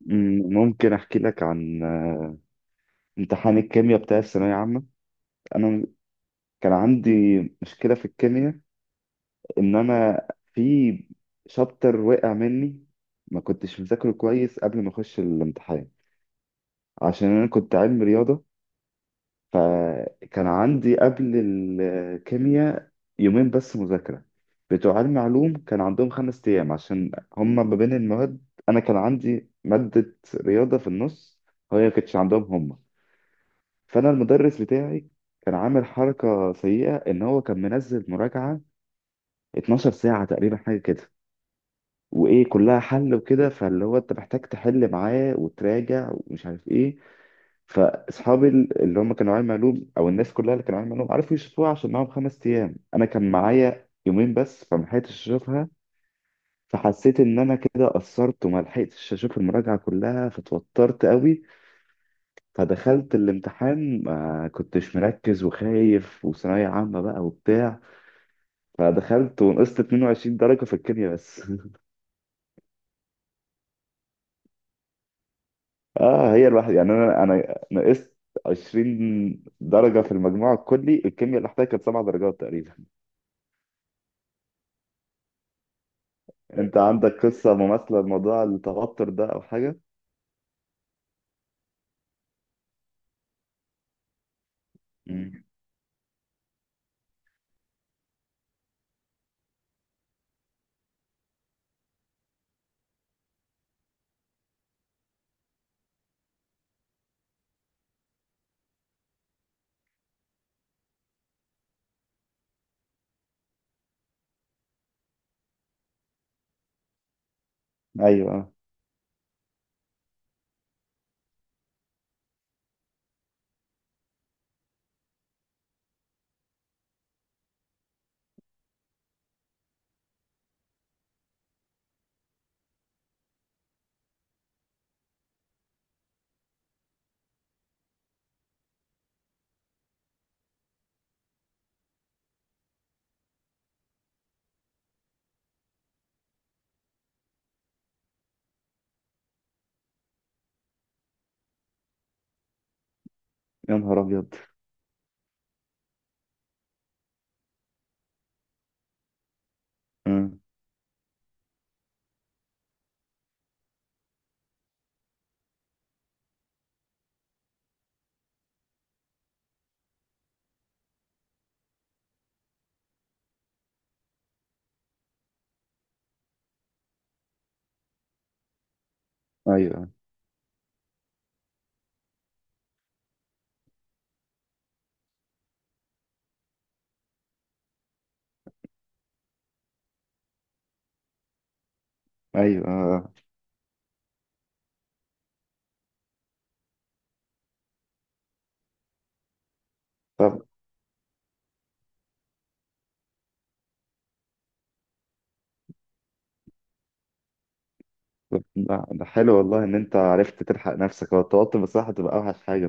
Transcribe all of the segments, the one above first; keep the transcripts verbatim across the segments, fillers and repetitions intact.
م- ممكن احكي لك عن آه، امتحان الكيمياء بتاع الثانويه عامه. انا كان عندي مشكله في الكيمياء، ان انا في شابتر وقع مني. ما كنتش مذاكره كويس قبل ما اخش الامتحان عشان انا كنت علم رياضه، فكان عندي قبل الكيمياء يومين بس مذاكره. بتوع علم علوم كان عندهم خمس ايام عشان هما ما بين المواد، انا كان عندي ماده رياضه في النص، هي ما كانتش عندهم هما. فانا المدرس بتاعي كان عامل حركه سيئه، ان هو كان منزل مراجعه اتناشر ساعه تقريبا حاجه كده، وايه كلها حل وكده، فاللي هو انت محتاج تحل معاه وتراجع ومش عارف ايه. فاصحابي ال- اللي هم كانوا علم علوم، او الناس كلها اللي كانوا علم علوم، عرفوا يشوفوها عشان معاهم خمس ايام، انا كان معايا يومين بس فما لحقتش اشوفها. فحسيت ان انا كده قصرت وما لحقتش اشوف المراجعه كلها، فتوترت قوي. فدخلت الامتحان ما كنتش مركز وخايف، وثانوية عامة بقى وبتاع. فدخلت ونقصت اتنين وعشرين درجة في الكيمياء بس. اه، هي الواحد يعني انا انا نقصت عشرين درجة في المجموع الكلي. الكيمياء اللي احتاجت كانت سبع درجات تقريبا. انت عندك قصة مماثلة لموضوع التوتر ده او حاجة؟ مم. ايوه. يا نهار ابيض. مم. ايوه، ايوه. طب. لا، ده حلو والله ان انت عرفت تلحق نفسك. هو التوتر بصراحة تبقى اوحش حاجة.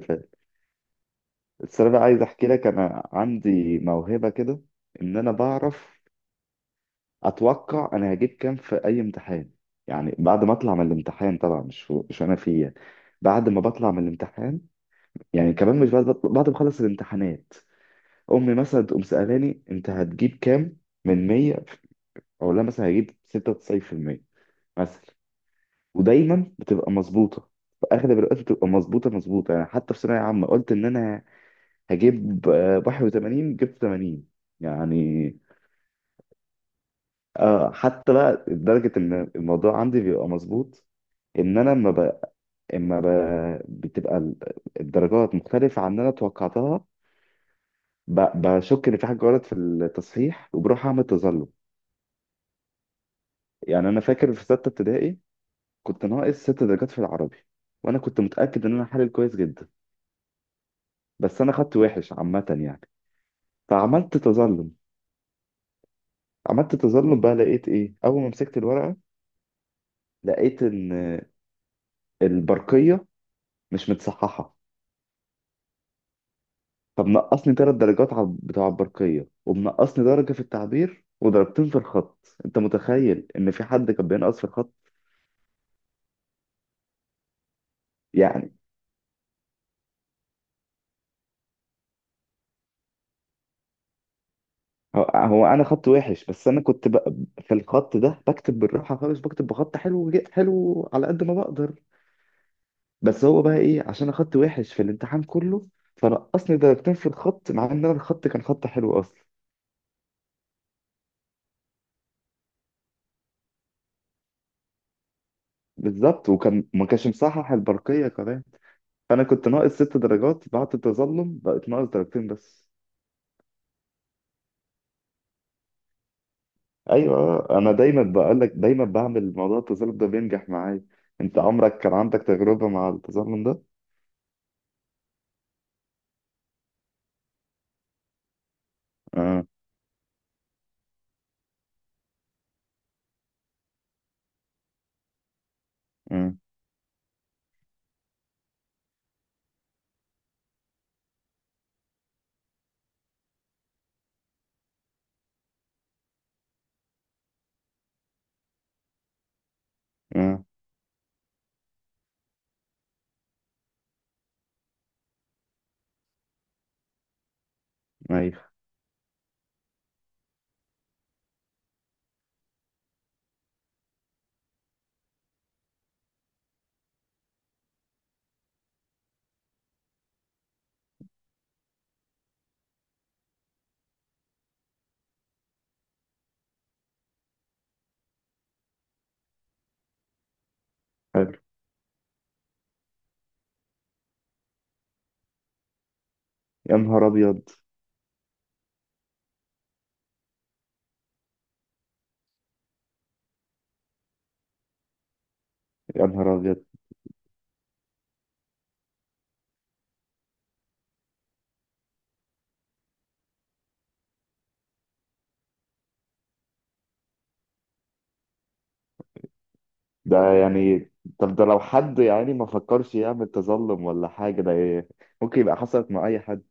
بس انا عايز احكي لك، انا عندي موهبه كده، ان انا بعرف اتوقع انا هجيب كام في اي امتحان. يعني بعد ما اطلع من الامتحان طبعا، مش في- مش انا فيه يعني. بعد ما بطلع من الامتحان، يعني كمان مش بعد بعد ما اخلص الامتحانات، امي مثلا تقوم سالاني انت هتجيب كام من مية، اقول لها مثلا هجيب ستة وتسعين في المية مثلا. ودايما بتبقى مظبوطه، في اغلب الوقت بتبقى مظبوطه مظبوطه. يعني حتى في ثانويه عامه قلت ان انا هجيب آه، واحد وثمانين، جبت ثمانين يعني. آه، حتى بقى لدرجة إن الموضوع عندي بيبقى مظبوط، إن أنا لما ب... إما ب... بتبقى ال- الدرجات مختلفة عن اللي أنا توقعتها، ب... بشك إن في حاجة غلط في التصحيح وبروح أعمل تظلم يعني. أنا فاكر في ستة ابتدائي كنت ناقص ست درجات في العربي، وأنا كنت متأكد إن أنا حالل كويس جدا، بس أنا خدت وحش عامة يعني. فعملت تظلم. عملت تظلم بقى، لقيت إيه أول ما مسكت الورقة؟ لقيت ان البرقية مش متصححة. فمنقصني ثلاث درجات على بتوع البرقية، ومنقصني درجة في التعبير، ودرجتين في الخط. انت متخيل ان في حد كان بينقص في الخط؟ يعني هو هو انا خط وحش، بس انا كنت بق... في الخط ده بكتب بالراحة خالص، بكتب بخط حلو، ج- حلو على قد ما بقدر. بس هو بقى ايه، عشان انا خط وحش في الامتحان كله، فنقصني درجتين في الخط، مع ان انا الخط كان خط حلو اصلا. بالظبط. وكان ما كانش مصحح البرقية كمان، فانا كنت ناقص ست درجات، بعد التظلم بقت ناقص درجتين بس. ايوه، انا دايما بقول لك، دايما بعمل موضوع التظلم ده بينجح معايا. انت عمرك كان عندك تجربة مع التظلم ده؟ اه. اه. اه. ايوه. حلو. يا نهار ابيض. يا نهار ابيض. ده يعني. طب ده لو حد يعني ما فكرش يعمل تظلم ولا حاجة، ده إيه؟ ممكن يبقى حصلت مع اي حد.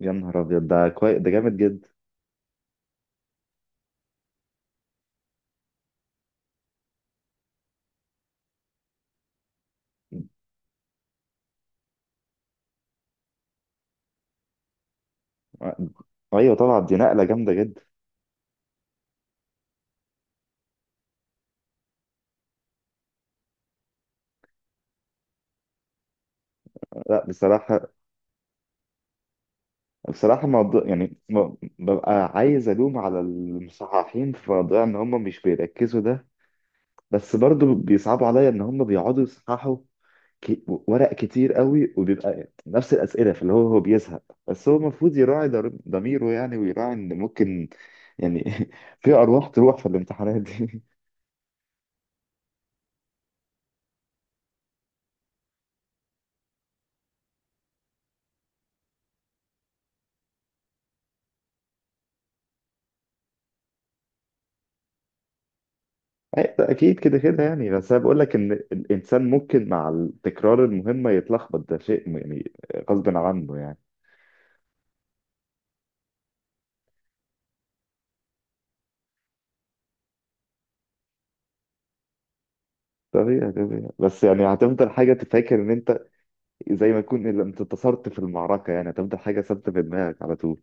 يا نهار ابيض، ده كويس، ده جامد جدا. ايوه طبعا، دي نقلة جامدة جدا. لا بصراحة. بصراحة موضوع يعني، م- ببقى عايز ألوم على المصححين في موضوع إن هم مش بيركزوا ده، بس برضو بيصعبوا عليا إن هم بيقعدوا يصححوا ك- ورق كتير قوي، وبيبقى نفس الأسئلة، فاللي هو هو بيزهق. بس هو المفروض يراعي ضر- ضميره يعني، ويراعي إن ممكن يعني في أرواح تروح في الامتحانات دي. أي- ده أكيد كده كده يعني. بس أنا بقول لك إن الإنسان ممكن مع التكرار المهمة يتلخبط، ده شيء يعني غصب عنه يعني. طبيعي، طبيعي. بس يعني هتفضل حاجة تفكر ان انت، زي ما تكون ال- انت انتصرت في المعركة يعني، هتفضل حاجة ثابتة في دماغك على طول.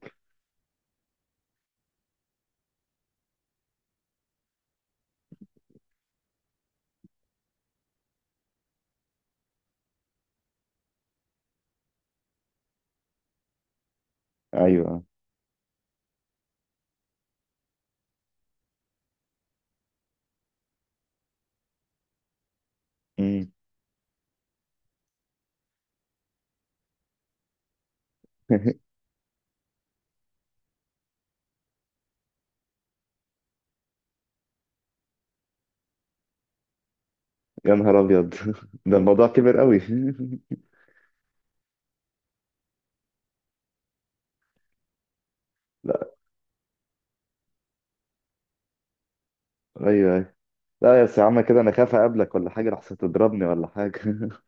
ايوه. امم. يا نهار ابيض. ده الموضوع كبر قوي. لا. ايوه، ايوه. لا يا سي عم، كده انا خاف اقابلك ولا حاجة لحسن تضربني ولا حاجة.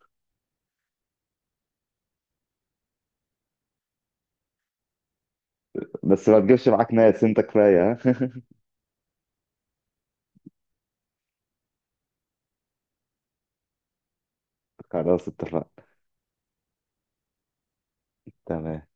بس ما تجيبش معاك ناس، انت كفاية، ها؟ خلاص، اتفقنا. تمام.